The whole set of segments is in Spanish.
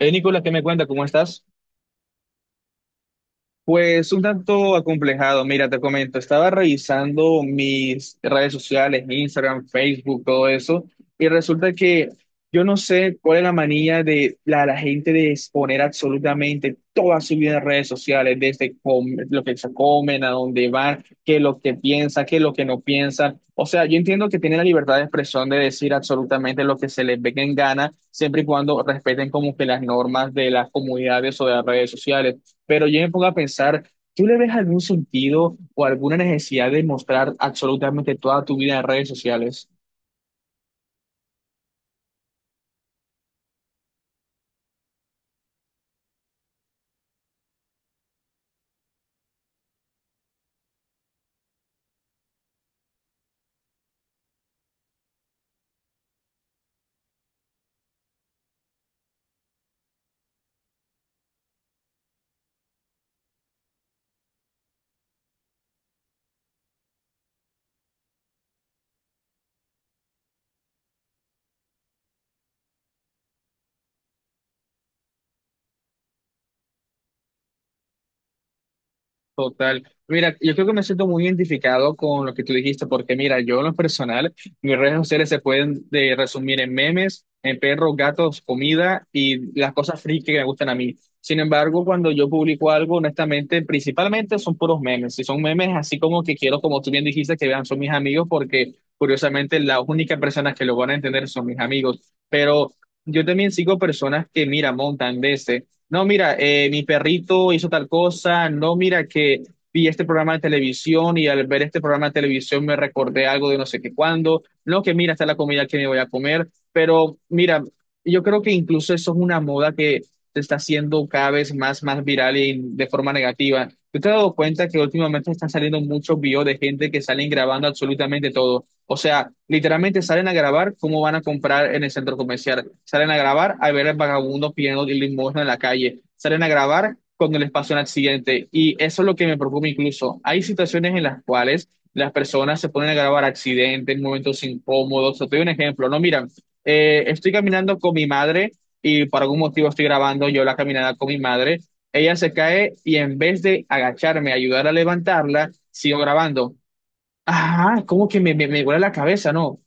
Nicolás, ¿qué me cuenta? ¿Cómo estás? Pues un tanto acomplejado, mira, te comento, estaba revisando mis redes sociales, Instagram, Facebook, todo eso, y resulta que yo no sé cuál es la manía de la gente de exponer absolutamente toda su vida en redes sociales, desde lo que se comen, a dónde van, qué es lo que piensan, qué es lo que no piensan. O sea, yo entiendo que tienen la libertad de expresión de decir absolutamente lo que se les venga en gana, siempre y cuando respeten como que las normas de las comunidades o de las redes sociales, pero yo me pongo a pensar, ¿tú le ves algún sentido o alguna necesidad de mostrar absolutamente toda tu vida en redes sociales? Total. Mira, yo creo que me siento muy identificado con lo que tú dijiste, porque mira, yo en lo personal, mis redes sociales se pueden resumir en memes, en perros, gatos, comida y las cosas friki que me gustan a mí. Sin embargo, cuando yo publico algo, honestamente, principalmente son puros memes. Si son memes así como que quiero, como tú bien dijiste, que vean, son mis amigos, porque curiosamente las únicas personas que lo van a entender son mis amigos. Pero yo también sigo personas que, mira, montan veces. No, mira, mi perrito hizo tal cosa. No, mira que vi este programa de televisión y al ver este programa de televisión me recordé algo de no sé qué cuándo. No, que mira, está la comida que me voy a comer. Pero mira, yo creo que incluso eso es una moda que se está haciendo cada vez más viral y de forma negativa. Yo te has dado cuenta que últimamente están saliendo muchos videos de gente que salen grabando absolutamente todo. O sea, literalmente salen a grabar cómo van a comprar en el centro comercial. Salen a grabar a ver al vagabundo pidiendo limosna en la calle. Salen a grabar cuando les pasa un accidente. Y eso es lo que me preocupa incluso. Hay situaciones en las cuales las personas se ponen a grabar accidentes, momentos incómodos. Te doy un ejemplo. No, mira, estoy caminando con mi madre y por algún motivo estoy grabando yo la caminada con mi madre. Ella se cae y en vez de agacharme, ayudar a levantarla, sigo grabando. Ajá, como que me huele la cabeza, ¿no?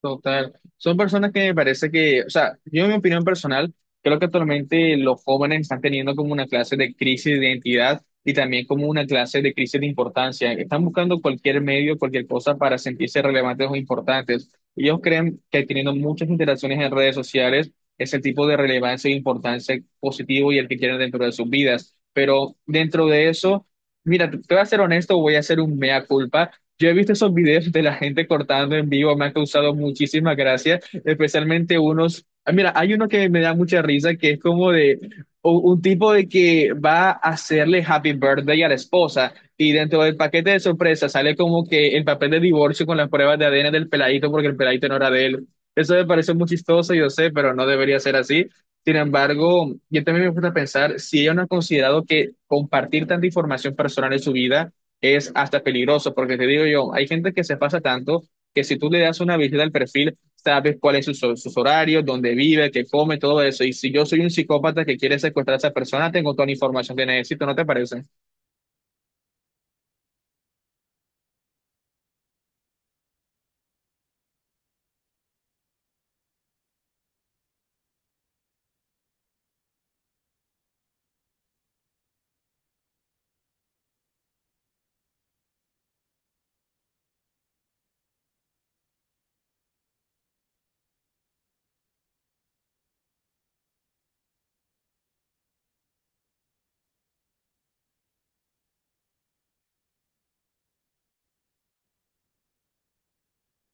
Total. Son personas que me parece que, o sea, yo en mi opinión personal, creo que actualmente los jóvenes están teniendo como una clase de crisis de identidad y también como una clase de crisis de importancia. Están buscando cualquier medio, cualquier cosa para sentirse relevantes o importantes. Ellos creen que teniendo muchas interacciones en redes sociales, ese tipo de relevancia e importancia positivo y el que quieren dentro de sus vidas. Pero dentro de eso... Mira, te voy a ser honesto, voy a hacer un mea culpa. Yo he visto esos videos de la gente cortando en vivo, me ha causado muchísima gracia, especialmente unos, ah, mira, hay uno que me da mucha risa, que es como de tipo de que va a hacerle happy birthday a la esposa y dentro del paquete de sorpresa sale como que el papel de divorcio con las pruebas de ADN del peladito porque el peladito no era de él. Eso me parece muy chistoso, yo sé, pero no debería ser así. Sin embargo, yo también me gusta pensar si ellos no ha considerado que compartir tanta información personal en su vida es hasta peligroso, porque te digo yo, hay gente que se pasa tanto que si tú le das una visita al perfil, sabes cuáles son sus horarios, dónde vive, qué come, todo eso. Y si yo soy un psicópata que quiere secuestrar a esa persona, tengo toda la información que necesito, ¿no te parece?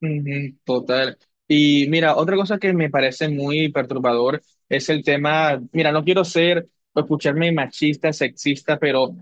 Ujú, total. Y mira, otra cosa que me parece muy perturbador es el tema, mira, no quiero ser o escucharme machista, sexista, pero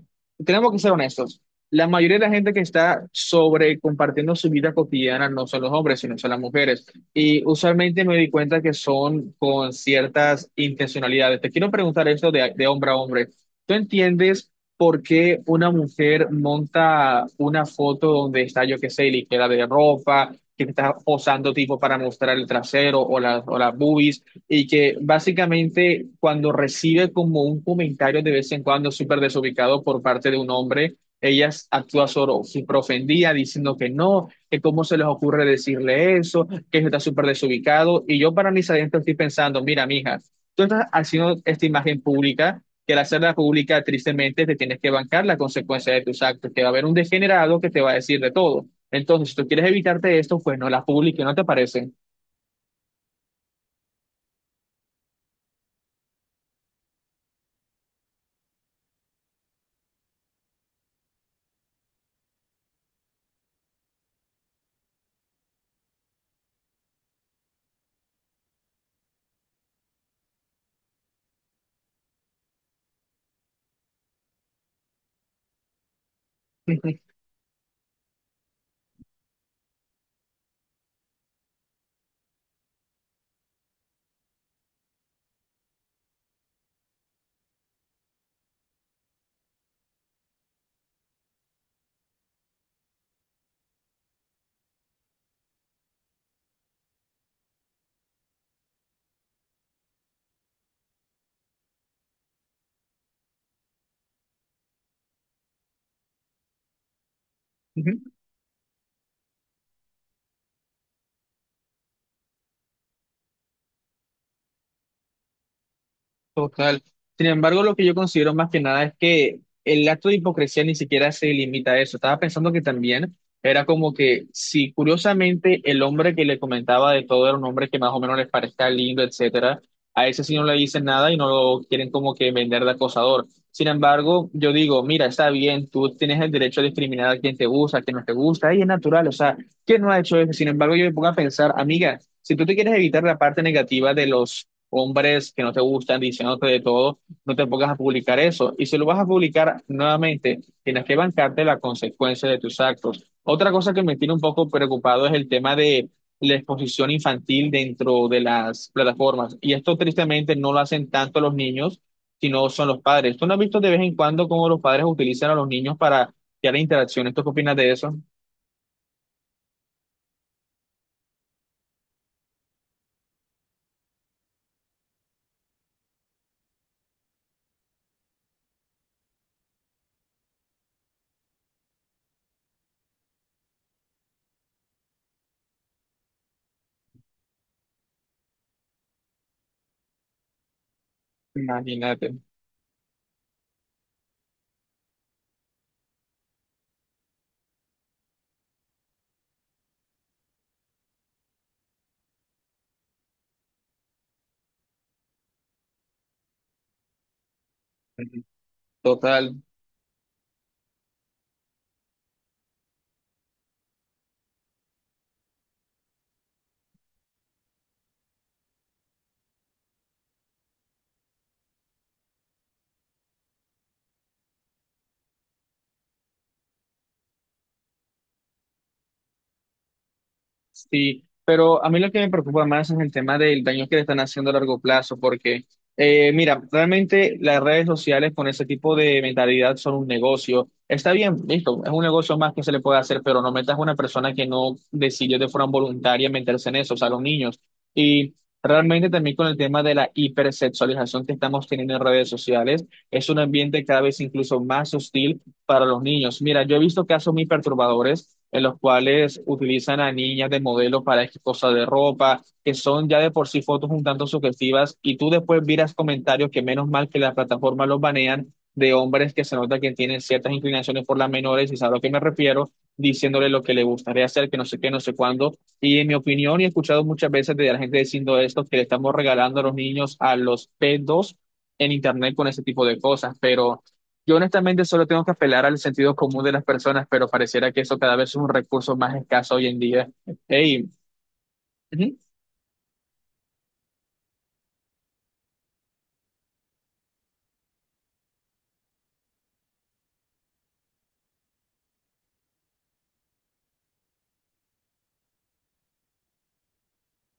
tenemos que ser honestos. La mayoría de la gente que está sobre compartiendo su vida cotidiana no son los hombres, sino son las mujeres. Y usualmente me di cuenta que son con ciertas intencionalidades. Te quiero preguntar esto de hombre a hombre. ¿Tú entiendes por qué una mujer monta una foto donde está, yo qué sé, ligera de ropa? Que está posando tipo para mostrar el trasero o las boobies y que básicamente cuando recibe como un comentario de vez en cuando súper desubicado por parte de un hombre, ella actúa solo súper ofendida diciendo que no, que cómo se les ocurre decirle eso, que eso está súper desubicado y yo para mis adentros estoy pensando, mira, mija, tú estás haciendo esta imagen pública que al hacerla pública, tristemente, te tienes que bancar la consecuencia de tus actos, que va a haber un degenerado que te va a decir de todo. Entonces, si tú quieres evitarte esto, pues no las publiques, ¿no te parece? Total. Sin embargo, lo que yo considero más que nada es que el acto de hipocresía ni siquiera se limita a eso. Estaba pensando que también era como que si curiosamente el hombre que le comentaba de todo era un hombre que más o menos les parezca lindo, etcétera, a ese sí no le dicen nada y no lo quieren como que vender de acosador. Sin embargo, yo digo, mira, está bien, tú tienes el derecho a discriminar a quien te gusta, a quien no te gusta, y es natural, o sea, ¿quién no ha hecho eso? Sin embargo, yo me pongo a pensar, amiga, si tú te quieres evitar la parte negativa de los hombres que no te gustan diciéndote de todo, no te pongas a publicar eso. Y si lo vas a publicar nuevamente, tienes que bancarte la consecuencia de tus actos. Otra cosa que me tiene un poco preocupado es el tema de la exposición infantil dentro de las plataformas. Y esto tristemente no lo hacen tanto los niños, sino son los padres. ¿Tú no has visto de vez en cuando cómo los padres utilizan a los niños para crear interacciones? ¿Tú qué opinas de eso? Imagínate. Total. Sí, pero a mí lo que me preocupa más es el tema del daño que le están haciendo a largo plazo, porque, mira, realmente las redes sociales con ese tipo de mentalidad son un negocio. Está bien, listo, es un negocio más que se le puede hacer, pero no metas a una persona que no decidió de forma voluntaria meterse en eso, o sea, los niños. Y realmente también con el tema de la hipersexualización que estamos teniendo en redes sociales, es un ambiente cada vez incluso más hostil para los niños. Mira, yo he visto casos muy perturbadores en los cuales utilizan a niñas de modelo para X cosas de ropa, que son ya de por sí fotos un tanto sugestivas, y tú después miras comentarios que menos mal que las plataformas los banean de hombres que se nota que tienen ciertas inclinaciones por las menores, y sabes a lo que me refiero, diciéndole lo que le gustaría hacer, que no sé qué, no sé cuándo. Y en mi opinión, y he escuchado muchas veces de la gente diciendo esto, que le estamos regalando a los niños a los pedos en internet con ese tipo de cosas, pero yo honestamente solo tengo que apelar al sentido común de las personas, pero pareciera que eso cada vez es un recurso más escaso hoy en día. Hey, ujú,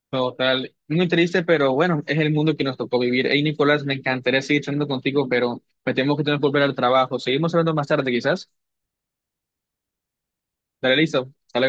total, muy triste, pero bueno, es el mundo que nos tocó vivir. Hey, Nicolás, me encantaría seguir charlando contigo, pero me temo que tengo que volver al trabajo. Seguimos hablando más tarde, quizás. Dale, listo. Hasta luego.